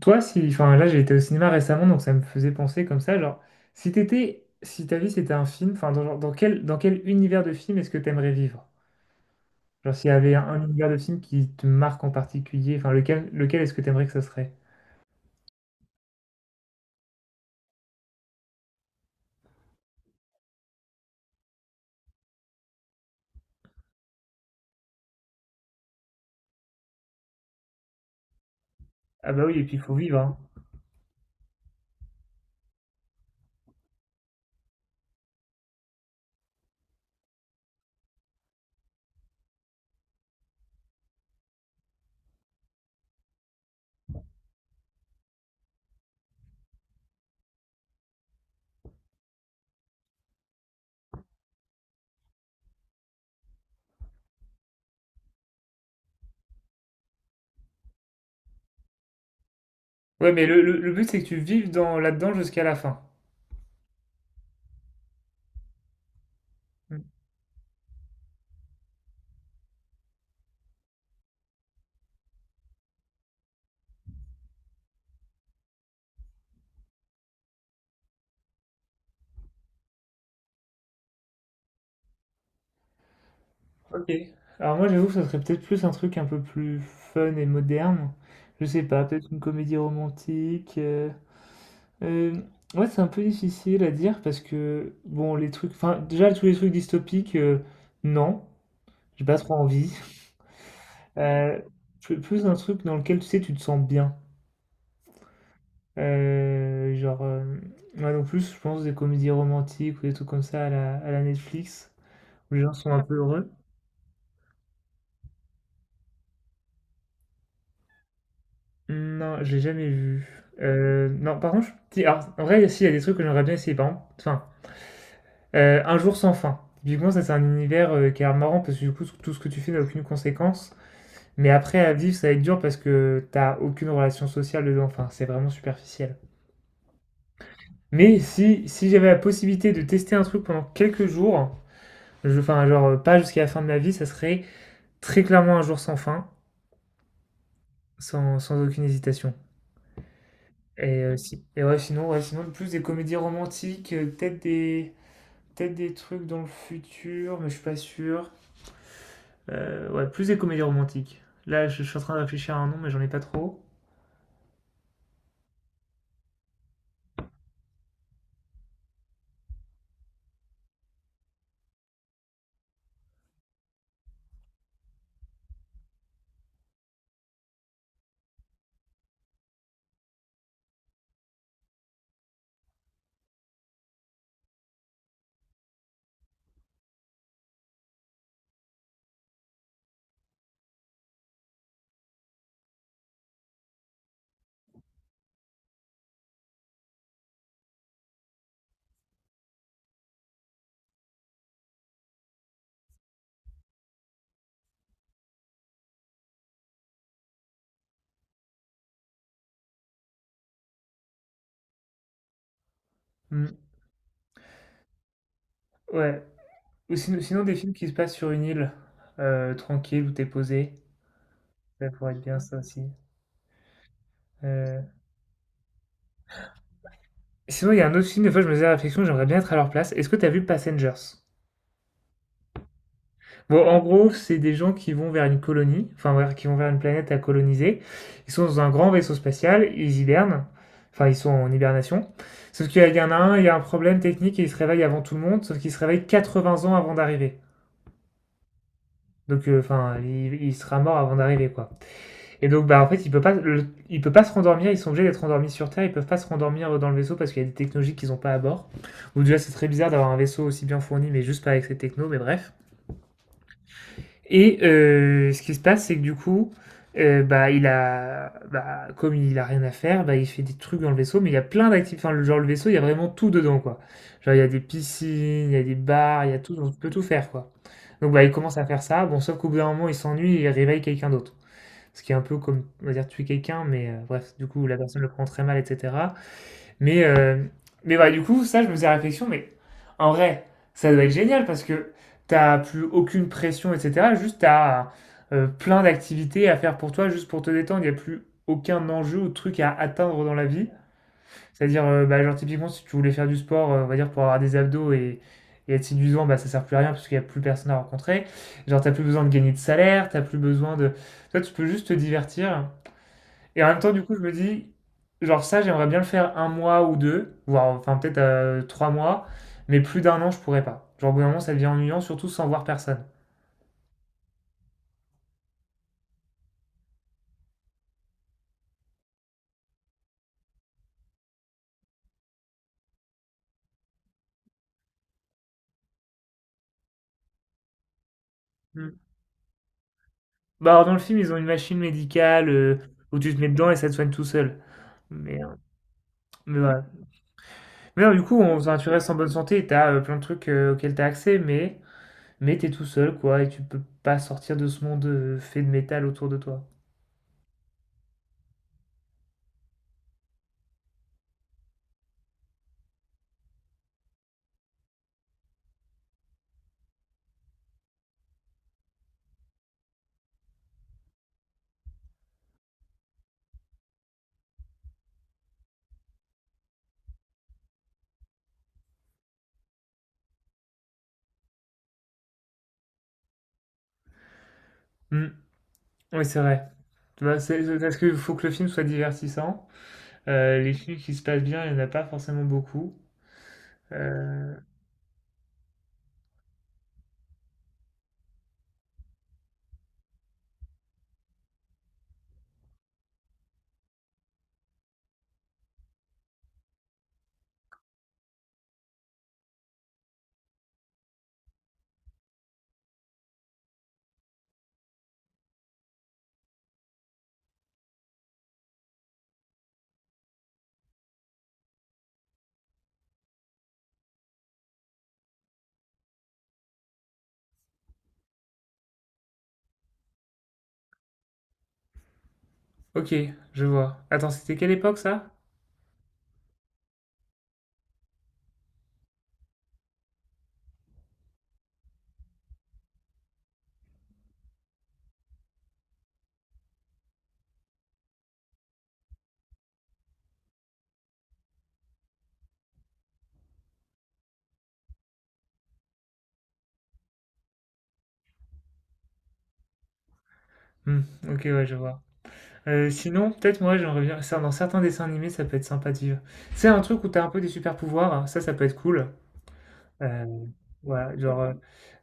Toi, si, enfin là, j'ai été au cinéma récemment, donc ça me faisait penser comme ça, genre, si t'étais, si ta vie c'était un film, enfin, dans, genre, dans quel univers de film est-ce que t'aimerais vivre? Genre, s'il y avait un univers de film qui te marque en particulier, enfin, lequel, lequel est-ce que t'aimerais que ça serait? Ah bah oui, et puis il faut vivre, hein. Ouais, mais le, le but c'est que tu vives dans, là-dedans jusqu'à la fin. Mm. Ok. Alors moi, j'avoue que ça serait peut-être plus un truc un peu plus fun et moderne. Je sais pas, peut-être une comédie romantique, Heu, ouais, c'est un peu difficile à dire parce que, bon, les trucs enfin, déjà tous les trucs dystopiques, non, j'ai pas trop envie. Heu, je plus un truc dans lequel, tu sais, tu te sens bien. Genre, ouais, donc plus, je pense, des comédies romantiques ou des trucs comme ça à la Netflix, où les gens sont un peu heureux. Non, j'ai jamais vu. Non, par contre, je si, alors, en vrai, si, il y a des trucs que j'aimerais bien essayer. Par exemple, enfin, un jour sans fin. Typiquement, ça c'est un univers qui est marrant parce que du coup, tout ce que tu fais n'a aucune conséquence. Mais après, à vivre, ça va être dur parce que t'as aucune relation sociale dedans. Enfin, c'est vraiment superficiel. Mais si, si j'avais la possibilité de tester un truc pendant quelques jours, je, enfin, pas jusqu'à la fin de ma vie, ça serait très clairement un jour sans fin, sans aucune hésitation. Et, et ouais, sinon, plus des comédies romantiques, peut-être des trucs dans le futur, mais je suis pas sûr. Ouais, plus des comédies romantiques. Là, je suis en train de réfléchir à un nom, mais j'en ai pas trop. Hmm, ouais. Ou sinon, sinon, des films qui se passent sur une île, tranquille, où t'es posé. Ça pourrait être bien, ça aussi. Euh, Sinon, il y a un autre film, des fois, je me faisais la réflexion, j'aimerais bien être à leur place. Est-ce que t'as vu Passengers? Bon, en gros, c'est des gens qui vont vers une colonie, qui vont vers une planète à coloniser. Ils sont dans un grand vaisseau spatial, ils hibernent. Enfin, ils sont en hibernation. Sauf qu'il y en a un, il y a un problème technique et il se réveille avant tout le monde, sauf qu'il se réveille vingts ans avant d'arriver. Donc, enfin, il sera mort avant d'arriver, quoi. Et donc, bah, en fait, il peut pas se rendormir. Ils sont obligés d'être endormis sur Terre. Ils peuvent pas se rendormir dans le vaisseau parce qu'il y a des technologies qu'ils ont pas à bord. Ou déjà, c'est très bizarre d'avoir un vaisseau aussi bien fourni, mais juste pas avec ces technos. Mais bref. Et ce qui se passe, c'est que du coup, bah, comme il a rien à faire, bah, il fait des trucs dans le vaisseau, mais il y a plein d'activités. Enfin, le vaisseau, il y a vraiment tout dedans, quoi. Genre, il y a des piscines, il y a des bars, il y a tout, on peut tout faire, quoi. Donc bah, il commence à faire ça, bon, sauf qu'au bout d'un moment, il s'ennuie et il réveille quelqu'un d'autre. Ce qui est un peu comme, on va dire, tuer quelqu'un, mais bref, du coup, la personne le prend très mal etc. Mais, euh, mais bah, du coup, ça, je me faisais réflexion, mais en vrai, ça doit être génial parce que t'as plus aucune pression, etc. Juste, t'as plein d'activités à faire pour toi, juste pour te détendre. Il n'y a plus aucun enjeu ou truc à atteindre dans la vie. C'est-à-dire, bah, genre, typiquement, si tu voulais faire du sport, on va dire, pour avoir des abdos et être séduisant, bah, ça sert plus à rien parce qu'il n'y a plus personne à rencontrer. Genre, t'as plus besoin de gagner de salaire, t'as plus besoin de. Toi, tu peux juste te divertir et en même temps, du coup, je me dis, genre ça, j'aimerais bien le faire un mois ou deux, voire enfin peut-être trois mois, mais plus d'un an, je pourrais pas. Genre au bout d'un moment, ça devient ennuyant, surtout sans voir personne. Mm. Bah alors dans le film, ils ont une machine médicale où tu te mets dedans et ça te soigne tout seul. Mais, euh, mais voilà. Mais non, du coup, tu restes en bonne santé, t'as plein de trucs auxquels t'as accès, mais t'es tout seul quoi, et tu peux pas sortir de ce monde fait de métal autour de toi. Mm. Oui, c'est vrai. Tu vois, c'est parce qu'il faut que le film soit divertissant. Les films qui se passent bien, il n'y en a pas forcément beaucoup. Euh, ok, je vois. Attends, c'était quelle époque ça? Hmm, ok, ouais, je vois. Sinon, peut-être moi, j'aimerais bien. Ça, dans certains dessins animés, ça peut être sympa de vivre. C'est un truc où t'as un peu des super pouvoirs, hein, ça peut être cool. Euh, voilà,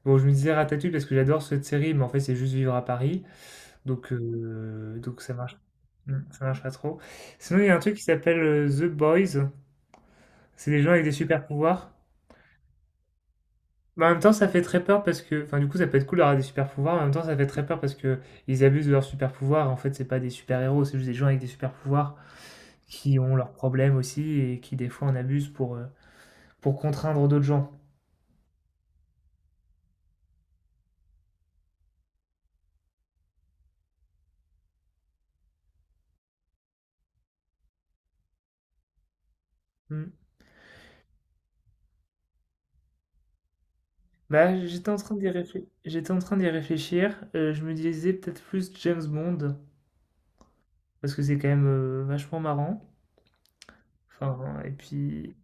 bon, je me disais Ratatouille parce que j'adore cette série, mais en fait, c'est juste vivre à Paris, donc ça marche, hmm, ça marche pas trop. Sinon, il y a un truc qui s'appelle The Boys. C'est des gens avec des super pouvoirs. Mais en même temps, ça fait très peur parce que, enfin, du coup, ça peut être cool d'avoir des super pouvoirs. Mais en même temps, ça fait très peur parce que ils abusent de leurs super pouvoirs. En fait, c'est pas des super héros, c'est juste des gens avec des super pouvoirs qui ont leurs problèmes aussi et qui des fois en abusent pour contraindre d'autres gens. Hmm. Bah, j'étais en train d'y réfléchir. J'étais en train d'y réfléchir. Je me disais peut-être plus James Bond parce que c'est quand même vachement marrant. Enfin, et puis.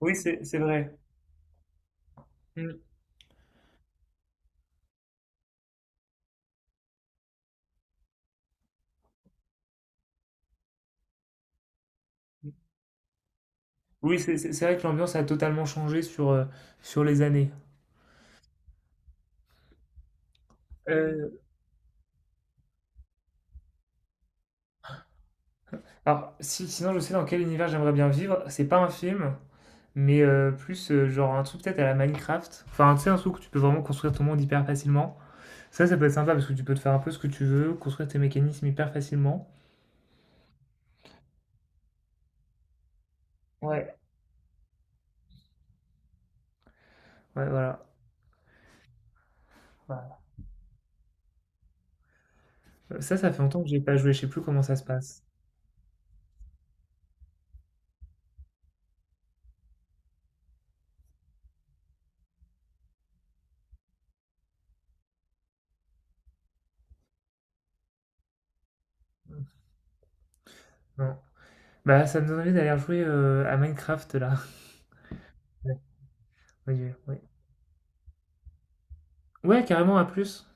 Oui, c'est vrai. Hmm. Oui, c'est vrai que l'ambiance a totalement changé sur sur les années. Euh, Alors, si, sinon, je sais dans quel univers j'aimerais bien vivre. C'est pas un film, mais plus genre un truc peut-être à la Minecraft. Enfin, tu sais, un truc où tu peux vraiment construire ton monde hyper facilement. Ça peut être sympa parce que tu peux te faire un peu ce que tu veux, construire tes mécanismes hyper facilement. Ouais. Ouais, voilà. Voilà. Ça, ça fait longtemps que j'ai pas joué, je sais plus comment ça se passe. Non. Bah, ça me donne envie d'aller jouer à Minecraft là. Ouais, ouais, ouais. Ouais, carrément, à plus.